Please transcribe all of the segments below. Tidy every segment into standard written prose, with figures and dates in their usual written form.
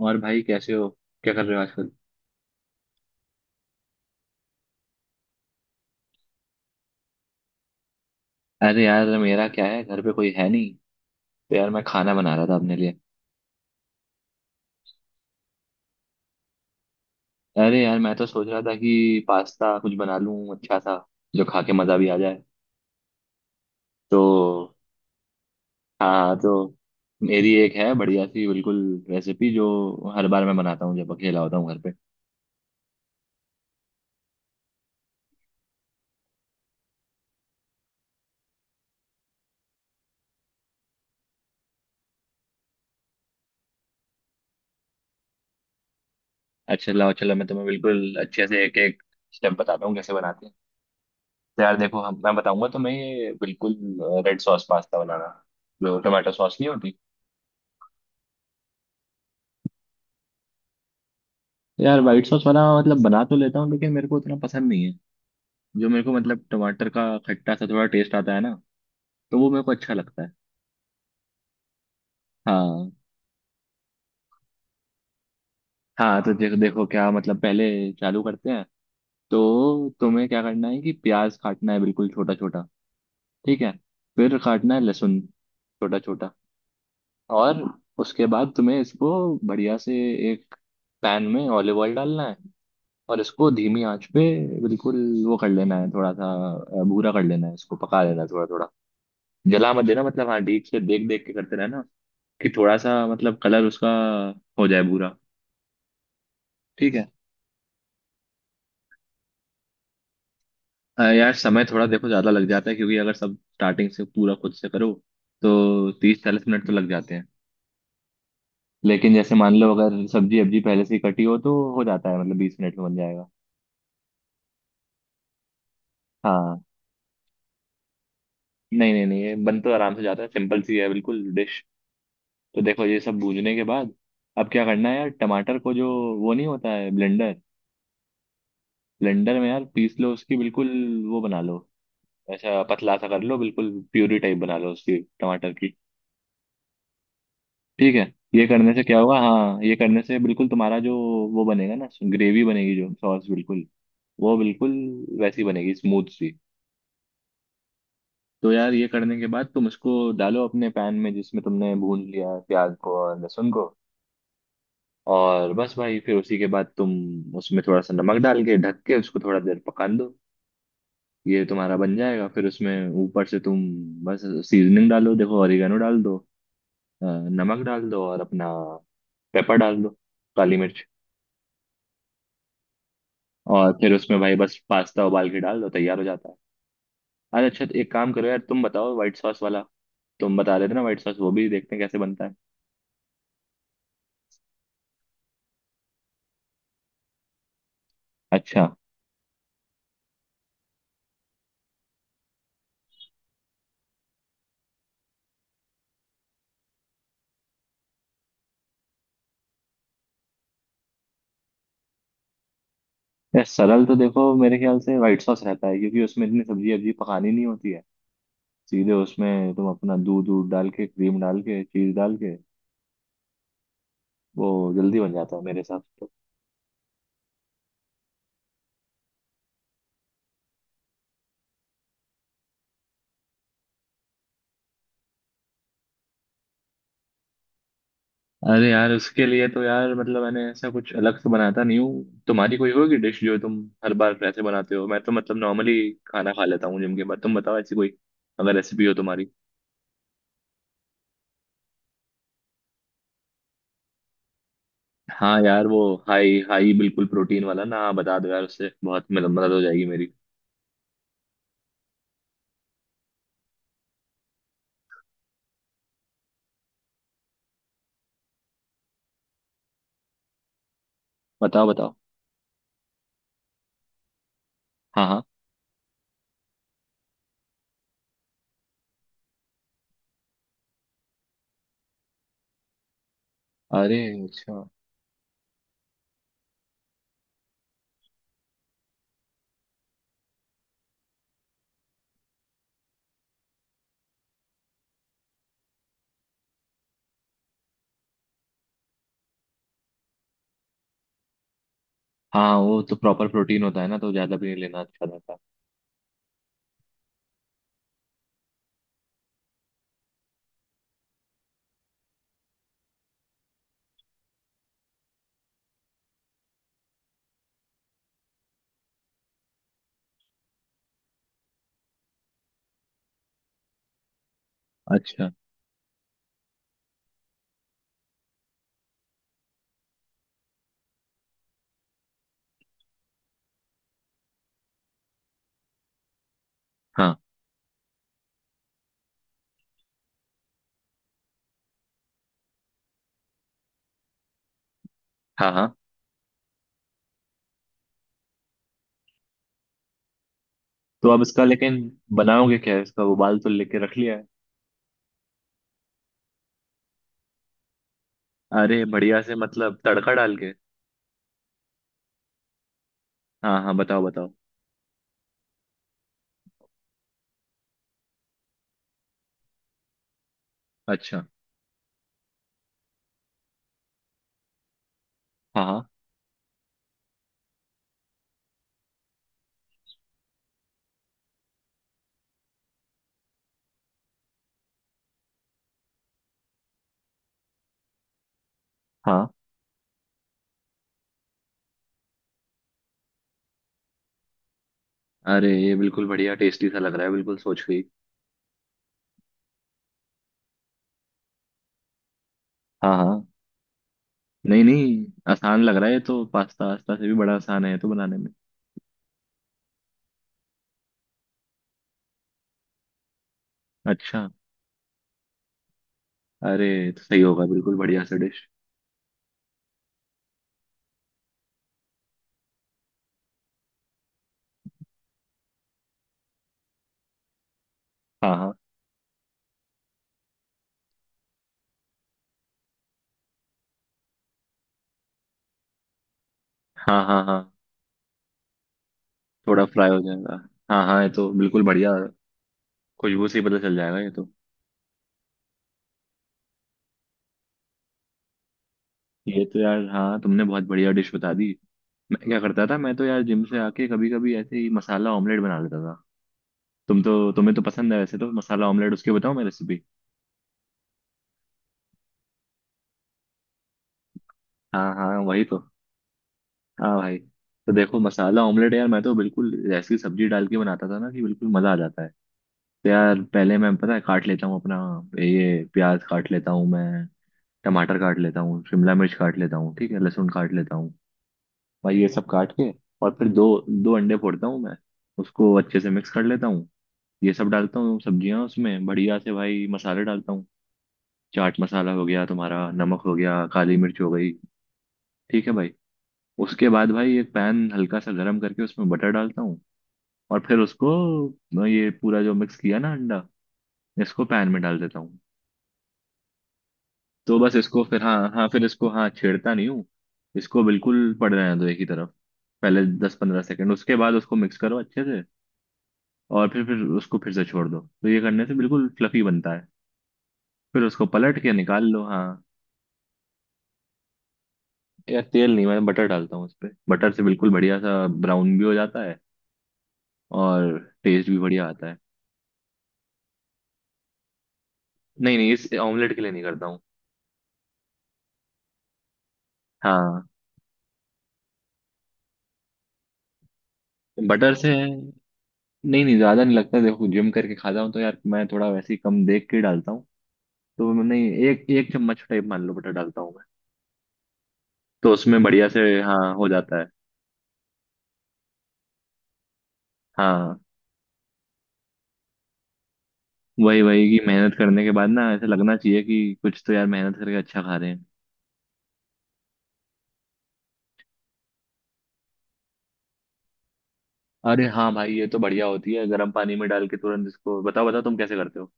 और भाई कैसे हो? क्या कर रहे हो आजकल? अरे यार, मेरा क्या है, घर पे कोई है नहीं। तो यार मैं खाना बना रहा था अपने लिए। अरे यार मैं तो सोच रहा था कि पास्ता कुछ बना लूं अच्छा सा, जो खा के मज़ा भी आ जाए। तो हाँ, तो मेरी एक है बढ़िया सी बिल्कुल रेसिपी, जो हर बार मैं बनाता हूँ जब अकेला होता हूँ घर पे। अच्छा, लाओ चलो, मैं तुम्हें बिल्कुल अच्छे से एक एक स्टेप बताता हूँ कैसे बनाते हैं। तो यार देखो, हम मैं बताऊंगा तुम्हें ये बिल्कुल रेड सॉस पास्ता बनाना। जो टोमेटो सॉस नहीं होती। यार व्हाइट सॉस वाला मतलब बना तो लेता हूँ, लेकिन मेरे को उतना पसंद नहीं है। जो मेरे को मतलब टमाटर का खट्टा सा थोड़ा टेस्ट आता है ना, तो वो मेरे को अच्छा लगता है। हाँ हाँ। तो देखो देखो क्या मतलब पहले चालू करते हैं। तो तुम्हें क्या करना है कि प्याज काटना है बिल्कुल छोटा छोटा। ठीक है। फिर काटना है लहसुन छोटा छोटा। और उसके बाद तुम्हें इसको बढ़िया से एक पैन में ऑलिव ऑयल डालना है। और इसको धीमी आंच पे बिल्कुल वो कर लेना है थोड़ा सा, भूरा कर लेना है, इसको पका लेना है थोड़ा थोड़ा। जला मत देना मतलब, हाँ, डीप से देख देख के करते रहना कि थोड़ा सा मतलब कलर उसका हो जाए भूरा। ठीक है। यार समय थोड़ा देखो ज्यादा लग जाता है, क्योंकि अगर सब स्टार्टिंग से पूरा खुद से करो तो 30-40 मिनट तो लग जाते हैं। लेकिन जैसे मान लो, अगर सब्जी अब्जी पहले से ही कटी हो तो हो जाता है, मतलब 20 मिनट में बन जाएगा। हाँ। नहीं, नहीं, नहीं, ये बन तो आराम से जाता है, सिंपल सी है बिल्कुल डिश। तो देखो ये सब भूनने के बाद अब क्या करना है, यार टमाटर को, जो वो नहीं होता है ब्लेंडर, ब्लेंडर में यार पीस लो उसकी बिल्कुल। वो बना लो, ऐसा पतला सा कर लो, बिल्कुल प्यूरी टाइप बना लो उसकी टमाटर की। ठीक है। ये करने से क्या होगा? हाँ, ये करने से बिल्कुल तुम्हारा जो वो बनेगा ना, ग्रेवी बनेगी, जो सॉस बिल्कुल वो बिल्कुल वैसी बनेगी, स्मूथ सी। तो यार ये करने के बाद तुम उसको डालो अपने पैन में, जिसमें तुमने भून लिया है प्याज को और लहसुन को। और बस भाई फिर उसी के बाद तुम उसमें थोड़ा सा नमक डाल के ढक के उसको थोड़ा देर पकाने दो। ये तुम्हारा बन जाएगा। फिर उसमें ऊपर से तुम बस सीजनिंग डालो, देखो ऑरिगेनो डाल दो, अ, नमक डाल दो और अपना पेपर डाल दो, काली मिर्च। और फिर उसमें भाई बस पास्ता उबाल के डाल दो, तैयार हो जाता है। अरे अच्छा, तो एक काम करो यार, तुम बताओ व्हाइट सॉस वाला। तुम बता रहे थे ना व्हाइट सॉस, वो भी देखते हैं कैसे बनता है। अच्छा। यार सरल तो देखो मेरे ख्याल से व्हाइट सॉस रहता है, क्योंकि उसमें इतनी सब्जी वब्जी पकानी नहीं होती है। सीधे उसमें तुम अपना दूध दूध डाल के, क्रीम डाल के, चीज डाल के, वो जल्दी बन जाता है मेरे हिसाब से तो। अरे यार, उसके लिए तो यार मतलब मैंने ऐसा कुछ अलग से बनाता नहीं हूँ। तुम्हारी कोई होगी डिश जो तुम हर बार ऐसे बनाते हो। मैं तो मतलब नॉर्मली खाना खा लेता हूँ जिम के बाद। तुम बताओ ऐसी कोई अगर रेसिपी हो तुम्हारी। हाँ यार वो हाई हाई बिल्कुल प्रोटीन वाला ना, हाँ बता दो यार, उससे बहुत मतलब मदद हो जाएगी मेरी। बताओ, बताओ। हाँ, हाँ। अरे अच्छा। हाँ, वो तो प्रॉपर प्रोटीन होता है ना, तो ज़्यादा भी नहीं लेना अच्छा रहता है। अच्छा। हाँ, हाँ, हाँ। तो अब इसका लेकिन बनाओगे क्या? इसका उबाल तो लेके रख लिया है। अरे बढ़िया से मतलब तड़का डाल के। हाँ, हाँ, बताओ, बताओ। अच्छा। हाँ, हाँ, हाँ। अरे ये बिल्कुल बढ़िया टेस्टी सा लग रहा है बिल्कुल सोच के ही। हाँ, हाँ। नहीं, नहीं, आसान लग रहा है ये तो, पास्ता वास्ता से भी बड़ा आसान है ये तो बनाने में। अच्छा। अरे ये तो सही होगा बिल्कुल बढ़िया सा डिश। हाँ, हाँ, हाँ, हाँ, हाँ, थोड़ा फ्राई हो जाएगा। हाँ, हाँ ये तो बिल्कुल बढ़िया, खुशबू से ही पता चल जाएगा ये तो। ये तो यार, हाँ, तुमने बहुत बढ़िया डिश बता दी। मैं क्या करता था, मैं तो यार जिम से आके कभी कभी ऐसे ही मसाला ऑमलेट बना लेता था। तुम तो तुम्हें तो पसंद है वैसे तो मसाला ऑमलेट, उसकी बताओ मैं रेसिपी। हाँ, हाँ वही तो। हाँ भाई। तो देखो मसाला ऑमलेट यार, मैं तो बिल्कुल जैसी सब्जी डाल के बनाता था ना कि बिल्कुल मजा आ जाता है। तो यार पहले मैं, पता है, काट लेता हूँ अपना ये प्याज, काट लेता हूँ मैं टमाटर, काट लेता हूँ शिमला मिर्च, काट लेता हूँ, ठीक है, लहसुन काट लेता हूँ। भाई ये सब काट के, और फिर दो दो अंडे फोड़ता हूँ मैं। उसको अच्छे से मिक्स कर लेता हूँ। ये सब डालता हूँ सब्जियाँ उसमें, बढ़िया से भाई मसाले डालता हूँ। चाट मसाला हो गया तुम्हारा, नमक हो गया, काली मिर्च हो गई, ठीक है भाई। उसके बाद भाई एक पैन हल्का सा गर्म करके उसमें बटर डालता हूँ। और फिर उसको, ये पूरा जो मिक्स किया ना अंडा, इसको पैन में डाल देता हूँ। तो बस इसको फिर, हाँ हाँ, फिर इसको, हाँ, छेड़ता नहीं हूँ। इसको बिल्कुल पड़ रहने दो एक ही तरफ। पहले 10-15 सेकंड, उसके बाद उसको मिक्स करो अच्छे से। और फिर उसको फिर से छोड़ दो, तो ये करने से बिल्कुल फ्लफी बनता है। फिर उसको पलट के निकाल लो, हाँ। यार तेल नहीं, मैं बटर डालता हूँ उस पर, बटर से बिल्कुल बढ़िया सा ब्राउन भी हो जाता है। और टेस्ट भी बढ़िया आता है। नहीं, नहीं इस ऑमलेट के लिए नहीं करता हूँ। हाँ, बटर से नहीं, नहीं ज्यादा नहीं लगता, देखो जिम करके खाता हूँ तो यार मैं थोड़ा वैसे ही कम देख के डालता हूँ। तो मैं नहीं, एक एक चम्मच टाइप मान लो बटर डालता हूँ मैं। तो उसमें बढ़िया से, हाँ, हो जाता है। हाँ वही वही, कि मेहनत करने के बाद ना ऐसे लगना चाहिए कि कुछ तो यार मेहनत करके अच्छा खा रहे हैं। अरे हाँ भाई, ये तो बढ़िया होती है गर्म पानी में डाल के तुरंत इसको। बताओ, बताओ तुम कैसे करते हो।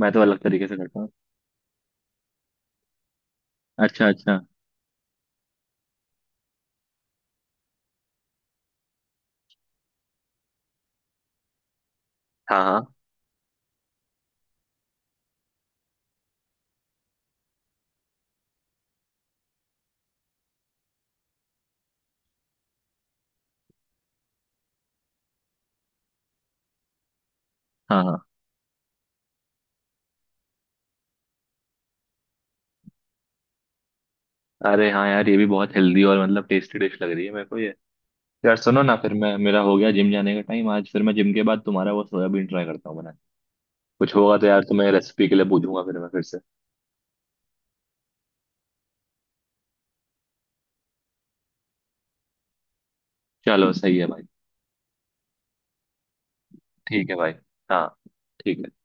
मैं तो अलग तरीके से करता हूँ। अच्छा, अच्छा। हाँ, हाँ, हाँ, हाँ। अरे हाँ यार, ये भी बहुत हेल्दी और मतलब टेस्टी डिश लग रही है मेरे को ये। यार सुनो ना, फिर मैं, मेरा हो गया जिम जाने का टाइम आज, फिर मैं जिम के बाद तुम्हारा वो सोयाबीन ट्राई करता हूँ बनाने। कुछ होगा तो यार तुम्हें रेसिपी के लिए पूछूंगा फिर मैं, फिर से। चलो सही है भाई। ठीक है भाई। हाँ। ठीक है।